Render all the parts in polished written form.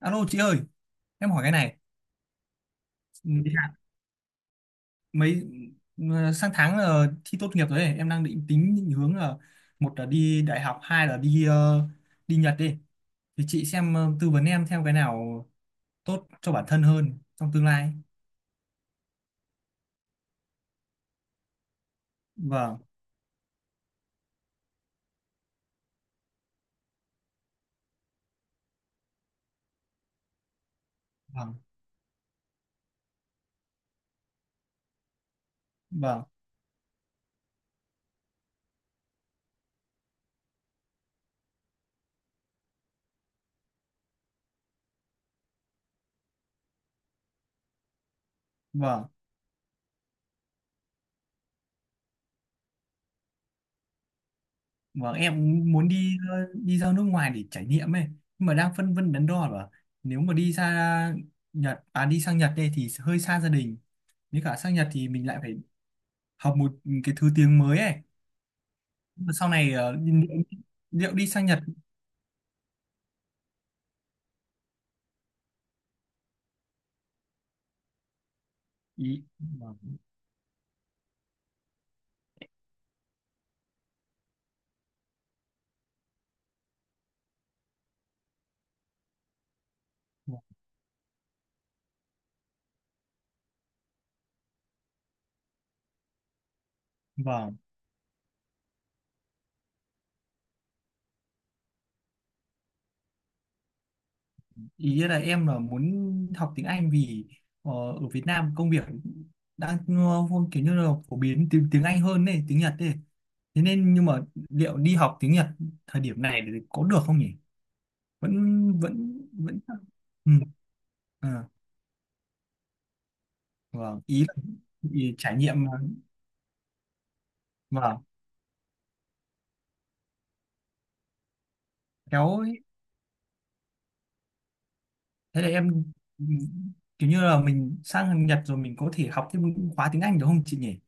Alo chị ơi, em hỏi cái này. Ừ, dạ, Mấy ừ, sang tháng là thi tốt nghiệp rồi ấy. Em đang định tính định hướng là một là đi đại học, hai là đi Nhật đi. Thì chị xem tư vấn em theo cái nào tốt cho bản thân hơn trong tương lai. Vâng, vâng, vâng, vâng, vâng. Em muốn đi ra nước ngoài để trải nghiệm ấy, nhưng mà đang phân vân đắn đo là nếu mà đi ra Nhật, à đi sang Nhật đây thì hơi xa gia đình. Nếu cả sang Nhật thì mình lại phải học một cái thứ tiếng mới ấy. Mà sau này liệu đi sang Nhật, ý vâng, ý là em là muốn học tiếng Anh vì ở Việt Nam công việc đang kiểu như là phổ biến tiếng tiếng Anh hơn này tiếng Nhật ấy, thế nên nhưng mà liệu đi học tiếng Nhật thời điểm này thì có được không nhỉ, vẫn vẫn vẫn ừ, à, vâng, trải nghiệm mà. Vâng, kéo thế là em kiểu như là mình sang Nhật rồi mình có thể học thêm những khóa tiếng Anh được không chị nhỉ,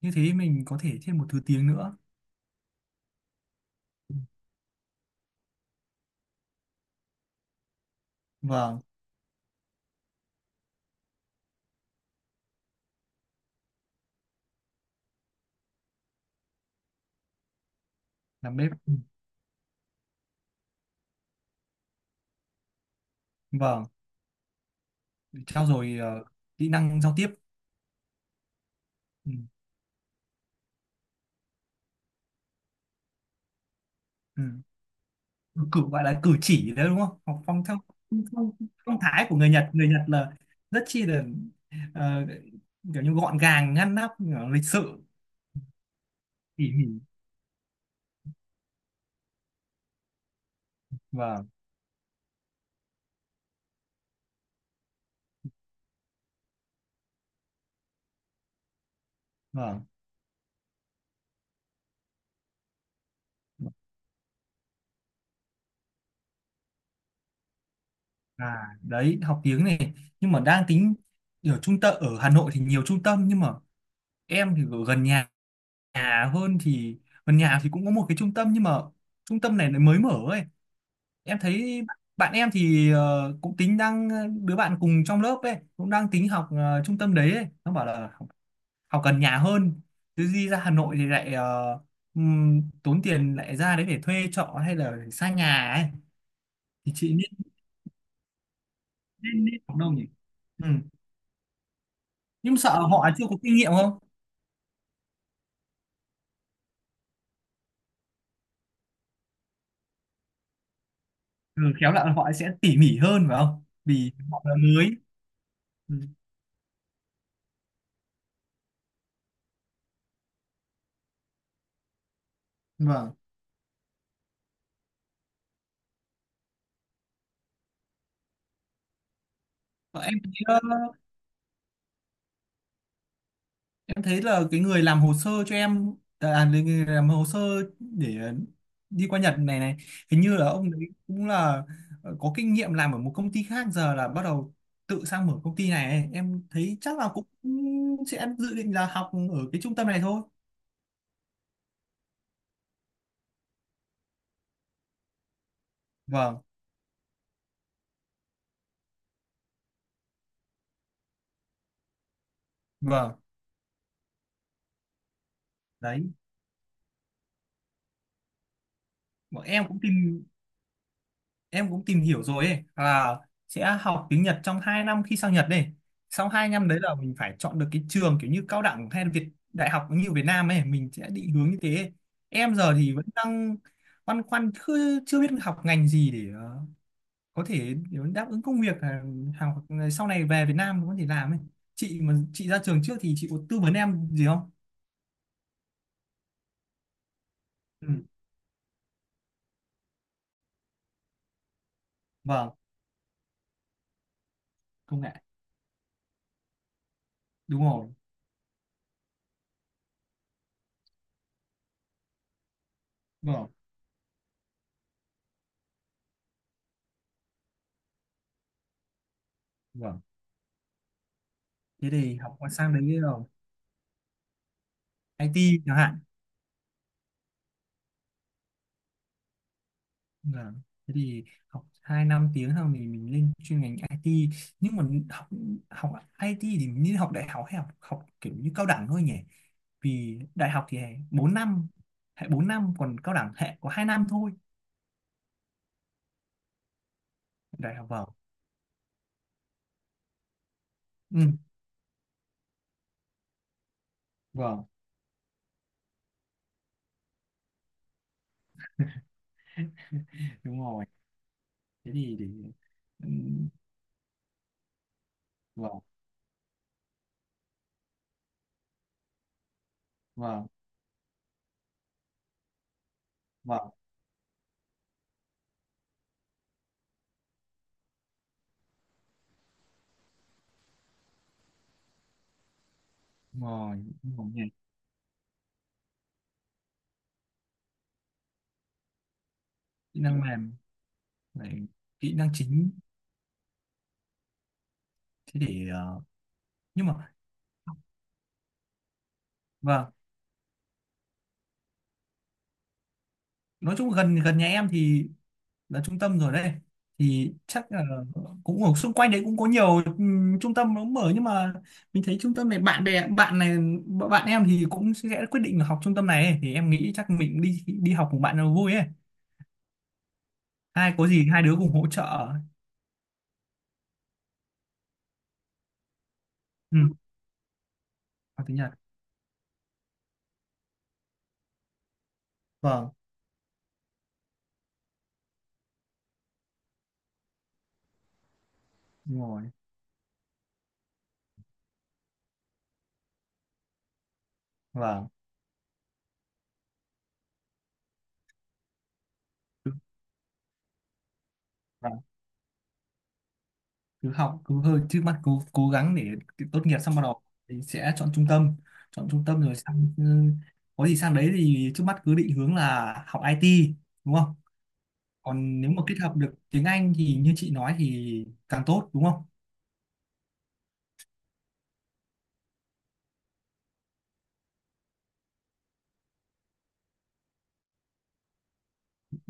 như thế mình có thể thêm một thứ tiếng nữa. Vâng, làm bếp. Ừ, vâng, để trau dồi kỹ năng giao tiếp. Ừ. Ừ, gọi là cử chỉ đấy đúng không, học phong, phong thái của người Nhật, người Nhật là rất chi là ờ, kiểu như gọn gàng ngăn nắp, lịch sự, tỉ mỉ. Vâng, vâng. À đấy, học tiếng này nhưng mà đang tính ở trung tâm ở Hà Nội thì nhiều trung tâm nhưng mà em thì ở gần nhà, nhà hơn thì gần nhà thì cũng có một cái trung tâm nhưng mà trung tâm này nó mới mở ấy. Em thấy bạn em thì cũng tính đứa bạn cùng trong lớp ấy cũng đang tính học trung tâm đấy ấy. Nó bảo là học gần nhà hơn chứ đi ra Hà Nội thì lại tốn tiền lại ra đấy để thuê trọ hay là xa nhà ấy, thì chị nên nên, nên học đâu nhỉ. Ừ, nhưng sợ họ chưa có kinh nghiệm không. Ừ, khéo là họ sẽ tỉ mỉ hơn phải không vì họ là mới. Ừ, vâng. Ờ, Em thấy, ờ, em thấy là cái người làm hồ sơ cho em à, là người người làm hồ sơ để đi qua Nhật này này, hình như là ông đấy cũng là có kinh nghiệm làm ở một công ty khác giờ là bắt đầu tự sang mở công ty này ấy. Em thấy chắc là cũng sẽ dự định là học ở cái trung tâm này thôi. Vâng, vâng, đấy. Bọn em cũng tìm hiểu rồi ấy là sẽ học tiếng Nhật trong 2 năm khi sang Nhật đây, sau 2 năm đấy là mình phải chọn được cái trường kiểu như cao đẳng hay là Việt đại học như ở Việt Nam ấy, mình sẽ định hướng như thế. Em giờ thì vẫn đang băn khoăn chưa, chưa biết học ngành gì để có thể để đáp ứng công việc ờ, hàng sau này về Việt Nam có thể làm ấy, chị mà chị ra trường trước thì chị có tư vấn em gì không. Ừ, vâng, công nghệ, đúng rồi, vâng, vâng. Thế thì học qua sang đấy rồi IT chẳng hạn. Vâng. Thế thì học 2 năm tiếng xong thì mình lên chuyên ngành IT, nhưng mà học học IT thì mình nên học đại học hay học học kiểu như cao đẳng thôi nhỉ, vì đại học thì 4 năm, hệ 4 năm còn cao đẳng hệ có 2 năm thôi. Đại học vâng. Ừ, vâng. Đúng rồi, thế thì để, ừ, vâng, vâng, vâng. Đúng rồi đúng rồi nhỉ. Kỹ năng mềm này, kỹ năng chính, thế để nhưng mà vâng. Nói chung gần gần nhà em thì là trung tâm rồi đấy, thì chắc là cũng ở xung quanh đấy cũng có nhiều trung tâm nó mở nhưng mà mình thấy trung tâm này bạn bè bạn này, bạn em thì cũng sẽ quyết định là học trung tâm này ấy, thì em nghĩ chắc mình đi đi học cùng bạn nó vui ấy, hai có gì hai đứa cùng hỗ trợ. Ừ, học tiếng Nhật. Vâng, đúng rồi. Vâng, cứ- vâng, cứ học cứ hơi trước mắt cố cố gắng để tốt nghiệp xong bắt đầu thì sẽ chọn trung tâm, chọn trung tâm rồi sang, ừ, có gì sang đấy thì trước mắt cứ định hướng là học IT, đúng không, còn nếu mà kết hợp được tiếng Anh thì như chị nói thì càng tốt đúng không.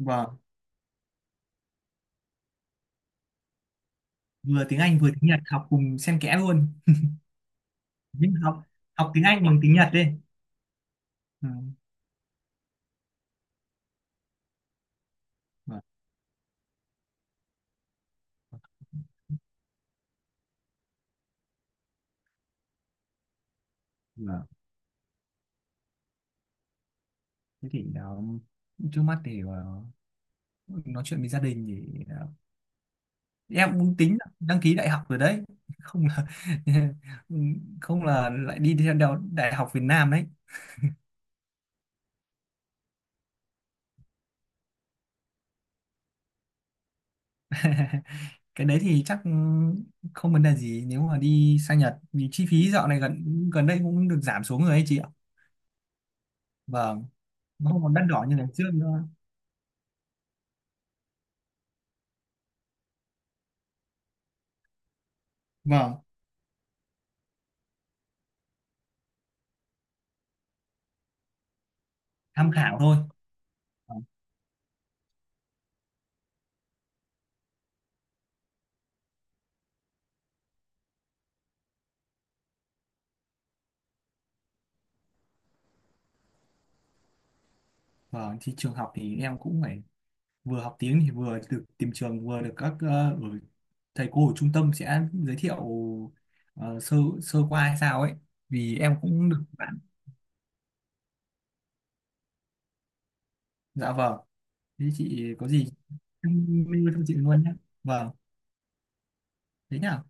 Và vừa tiếng Anh vừa tiếng Nhật học cùng xen kẽ luôn, nhưng học học tiếng Anh bằng tiếng Nhật đi. Ừ, vâng, vâng. Thế thì đó, trước mắt thì ờ, nói chuyện với gia đình thì em cũng tính là đăng ký đại học rồi đấy, không là không là lại đi theo đại học Việt Nam đấy. Cái đấy thì chắc không vấn đề gì nếu mà đi sang Nhật vì chi phí dạo này gần gần đây cũng được giảm xuống rồi ấy chị. Vâng, nó không còn đắt đỏ như ngày trước nữa. Vâng, tham khảo thôi. Vâng. Vâng, thì trường học thì em cũng phải vừa học tiếng thì vừa được tìm trường vừa được các ở thầy cô ở trung tâm sẽ giới thiệu sơ sơ qua hay sao ấy vì em cũng được bạn. Dạ vâng, thế chị có gì em mail cho chị luôn nhé. Vâng, thế nhá.